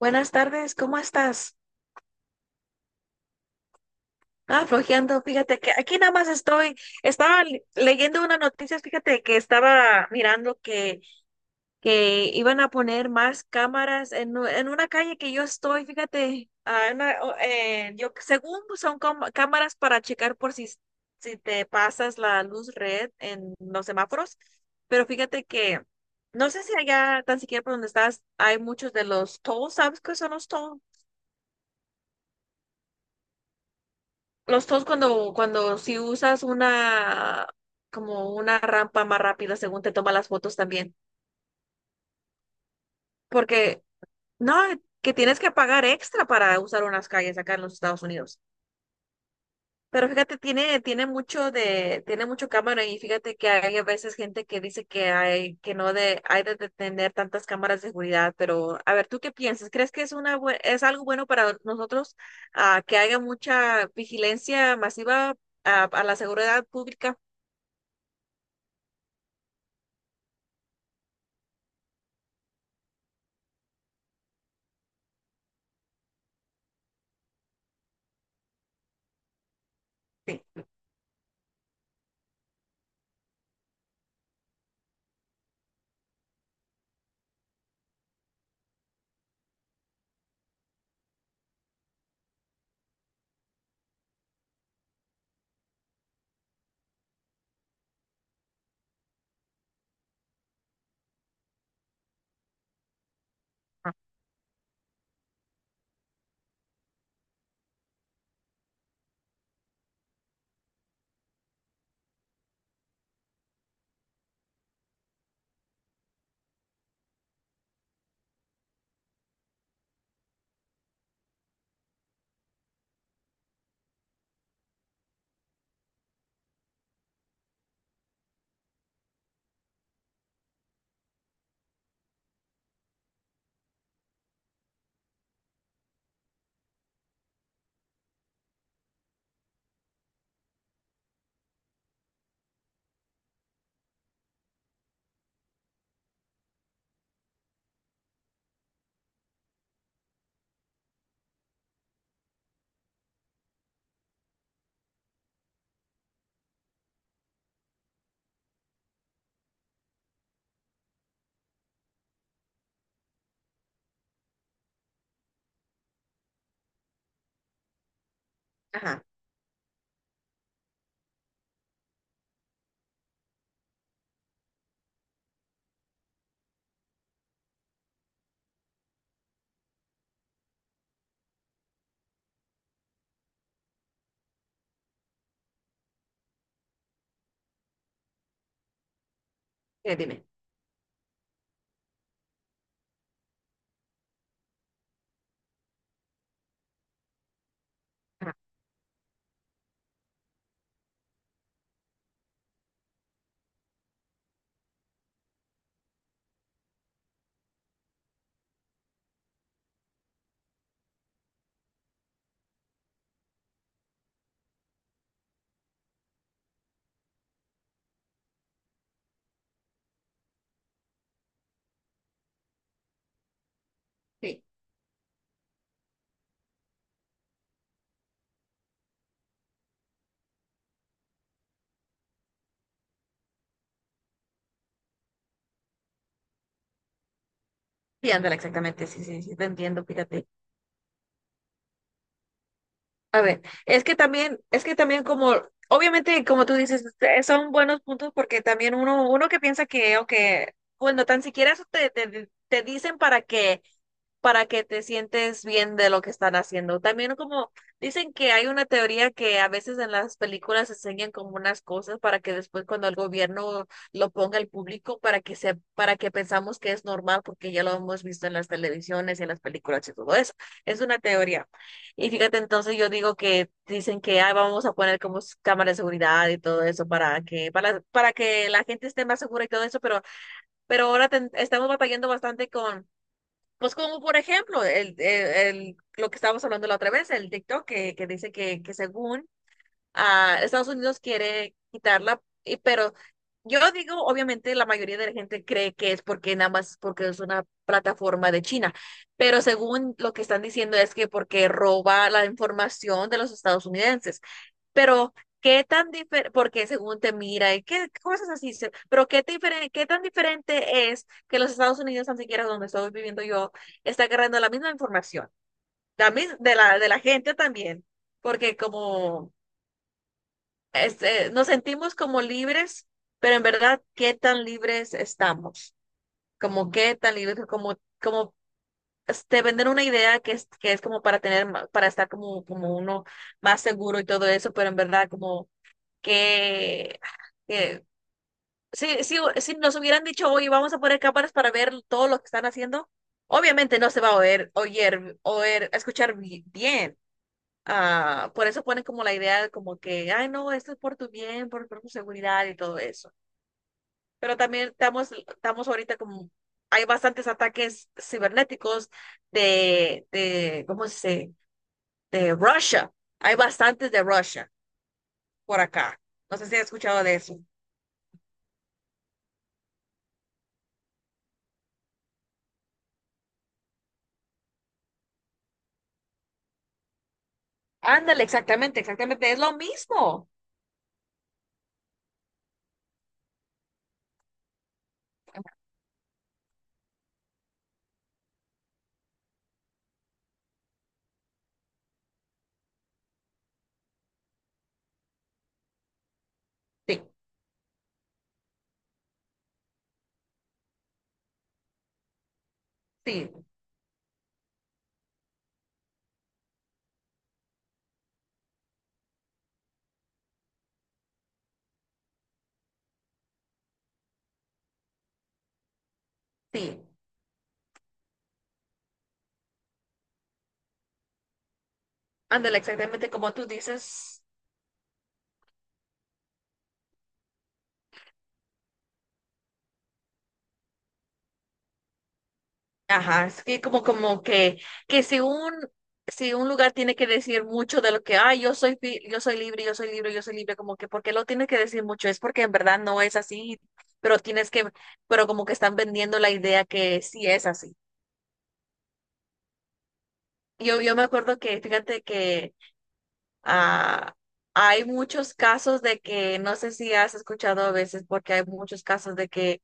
Buenas tardes, ¿cómo estás? Ah, flojeando, fíjate que aquí nada más estoy, estaba leyendo unas noticias. Fíjate que estaba mirando que iban a poner más cámaras en, en una calle que yo estoy, fíjate, yo según son cámaras para checar por si, si te pasas la luz red en los semáforos, pero fíjate que no sé si allá tan siquiera por donde estás hay muchos de los tolls. ¿Sabes qué son los tolls? Los toes cuando, cuando si usas una, como una rampa más rápida, según te toma las fotos también. Porque, no, que tienes que pagar extra para usar unas calles acá en los Estados Unidos. Pero fíjate, tiene mucho de, tiene mucho cámara, y fíjate que hay a veces gente que dice que hay, que no de, hay de tener tantas cámaras de seguridad. Pero, a ver, ¿tú qué piensas? ¿Crees que es una, es algo bueno para nosotros, que haya mucha vigilancia masiva, a la seguridad pública? Ajá. Dime. Ajá, sí, sí, ándale, exactamente, sí, sí, sí, te entiendo, fíjate. A ver, es que también como, obviamente, como tú dices, son buenos puntos, porque también uno, uno que piensa que, o que, bueno, tan siquiera eso te, te dicen para que te sientes bien de lo que están haciendo. También como dicen que hay una teoría que a veces en las películas enseñan como unas cosas para que después cuando el gobierno lo ponga al público, para que se, para que pensamos que es normal, porque ya lo hemos visto en las televisiones y en las películas y todo eso. Es una teoría. Y fíjate, entonces yo digo que dicen que: "Ay, vamos a poner como cámaras de seguridad y todo eso para que la gente esté más segura y todo eso". Pero ahora estamos batallando bastante con pues como por ejemplo, lo que estábamos hablando la otra vez, el TikTok que dice que según Estados Unidos quiere quitarla, y- pero yo digo, obviamente la mayoría de la gente cree que es porque nada más porque es una plataforma de China, pero según lo que están diciendo es que porque roba la información de los estadounidenses. Pero, ¿qué tan diferente? Porque según te mira, y qué cosas así, se- pero ¿qué, qué tan diferente es que los Estados Unidos, tan siquiera donde estoy viviendo yo, está agarrando la misma información, de la gente también? Porque como este, nos sentimos como libres, pero en verdad, ¿qué tan libres estamos? Como qué tan libres, como te venden una idea que es como para tener, para estar como, como uno más seguro y todo eso, pero en verdad como que, que si, si nos hubieran dicho, oye, vamos a poner cámaras para ver todo lo que están haciendo, obviamente no se va a oír, oír escuchar bien. Ah, por eso ponen como la idea de como que, ay, no, esto es por tu bien, por tu seguridad y todo eso. Pero también estamos, estamos ahorita como, hay bastantes ataques cibernéticos de, ¿cómo se dice? De Rusia. Hay bastantes de Rusia por acá. No sé si has escuchado de eso. Ándale, exactamente, exactamente, es lo mismo. Sí, sí, sí. Ándale, exactamente como tú dices. Ajá, es que como, como que si un, si un lugar tiene que decir mucho de lo que, ah, yo soy, fi- yo soy libre, yo soy libre, yo soy libre, como que, ¿por qué lo tiene que decir mucho? Es porque en verdad no es así, pero tienes que, pero como que están vendiendo la idea que sí es así. Yo me acuerdo que, fíjate que Ah, hay muchos casos de que, no sé si has escuchado a veces, porque hay muchos casos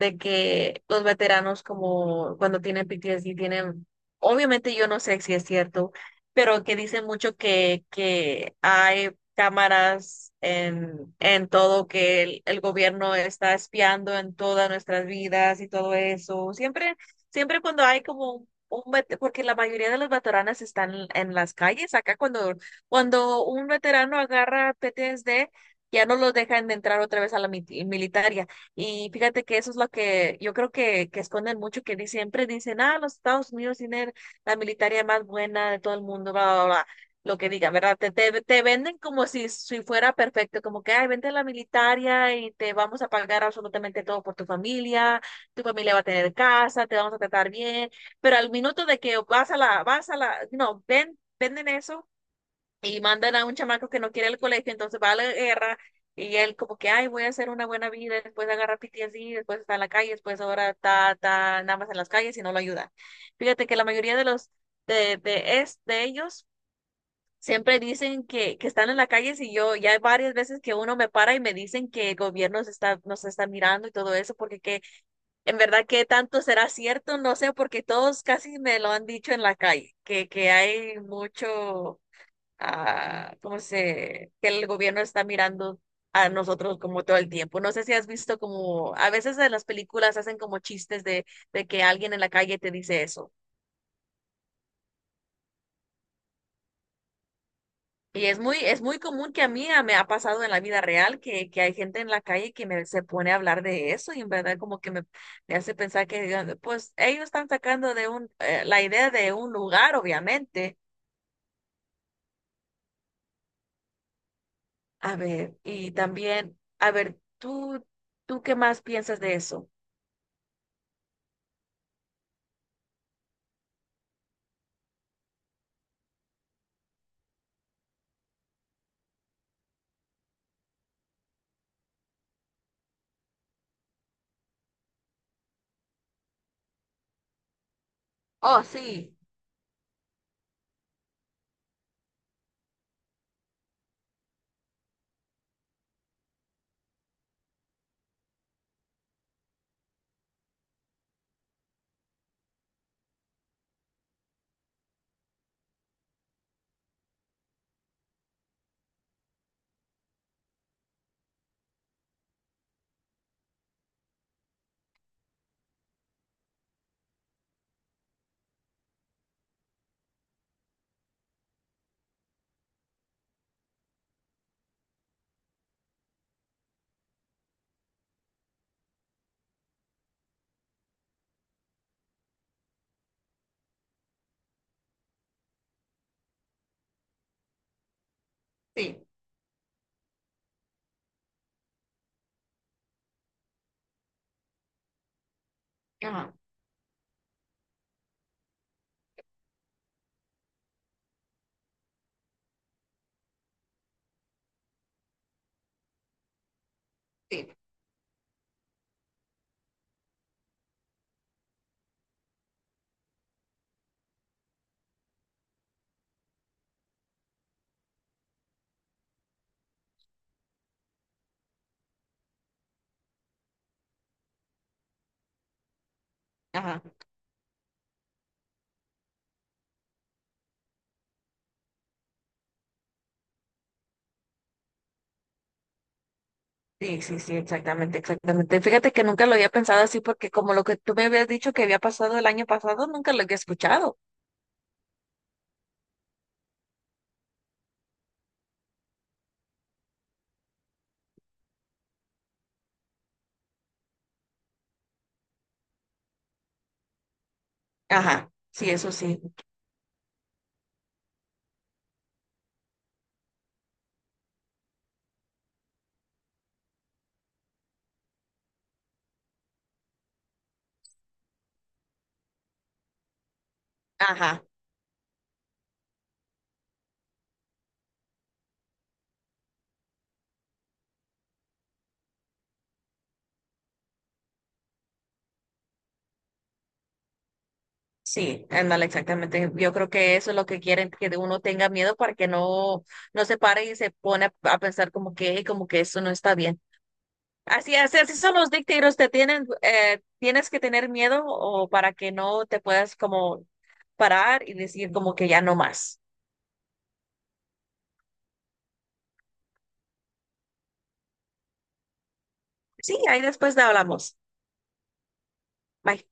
de que los veteranos como cuando tienen PTSD tienen, obviamente yo no sé si es cierto, pero que dicen mucho que hay cámaras en todo, que el gobierno está espiando en todas nuestras vidas y todo eso. Siempre, siempre cuando hay como un vet- porque la mayoría de los veteranos están en las calles, acá cuando, cuando un veterano agarra PTSD, ya no los dejan de entrar otra vez a la militar, ya y fíjate que eso es lo que yo creo que esconden mucho, que siempre dicen, ah, los Estados Unidos tienen la militaria más buena de todo el mundo, bla, bla, bla. Lo que digan, ¿verdad? Te, te venden como si, si fuera perfecto, como que, ay, vente a la militaria y te vamos a pagar absolutamente todo por tu familia va a tener casa, te vamos a tratar bien, pero al minuto de que vas a la, no, ven, venden eso y mandan a un chamaco que no quiere el colegio, entonces va a la guerra y él como que, ay, voy a hacer una buena vida, después agarra PTSD, después está en la calle, después ahora está, está nada más en las calles y no lo ayuda. Fíjate que la mayoría de los de ellos siempre dicen que están en la calle, y yo ya hay varias veces que uno me para y me dicen que el gobierno se está, nos está mirando y todo eso, porque que en verdad que tanto será cierto, no sé, porque todos casi me lo han dicho en la calle, que hay mucho que el gobierno está mirando a nosotros como todo el tiempo. No sé si has visto como, a veces en las películas hacen como chistes de que alguien en la calle te dice eso. Y es muy común que a mí me ha pasado en la vida real que hay gente en la calle que me, se pone a hablar de eso, y en verdad como que me hace pensar que, digan, pues ellos están sacando de un, la idea de un lugar, obviamente. A ver, y también, a ver, ¿tú, tú qué más piensas de eso? Oh, sí. Sí, ajá, sí, ajá, sí, sí, sí, exactamente, exactamente. Fíjate que nunca lo había pensado así, porque como lo que tú me habías dicho que había pasado el año pasado, nunca lo había escuchado. Ajá, sí, eso sí, ajá, sí, ándale, exactamente. Yo creo que eso es lo que quieren, que de uno tenga miedo para que no, no se pare y se pone a pensar como que eso no está bien. Así así así son los dictators, te tienen, tienes que tener miedo o para que no te puedas como parar y decir como que ya no más. Sí, ahí después hablamos. Bye.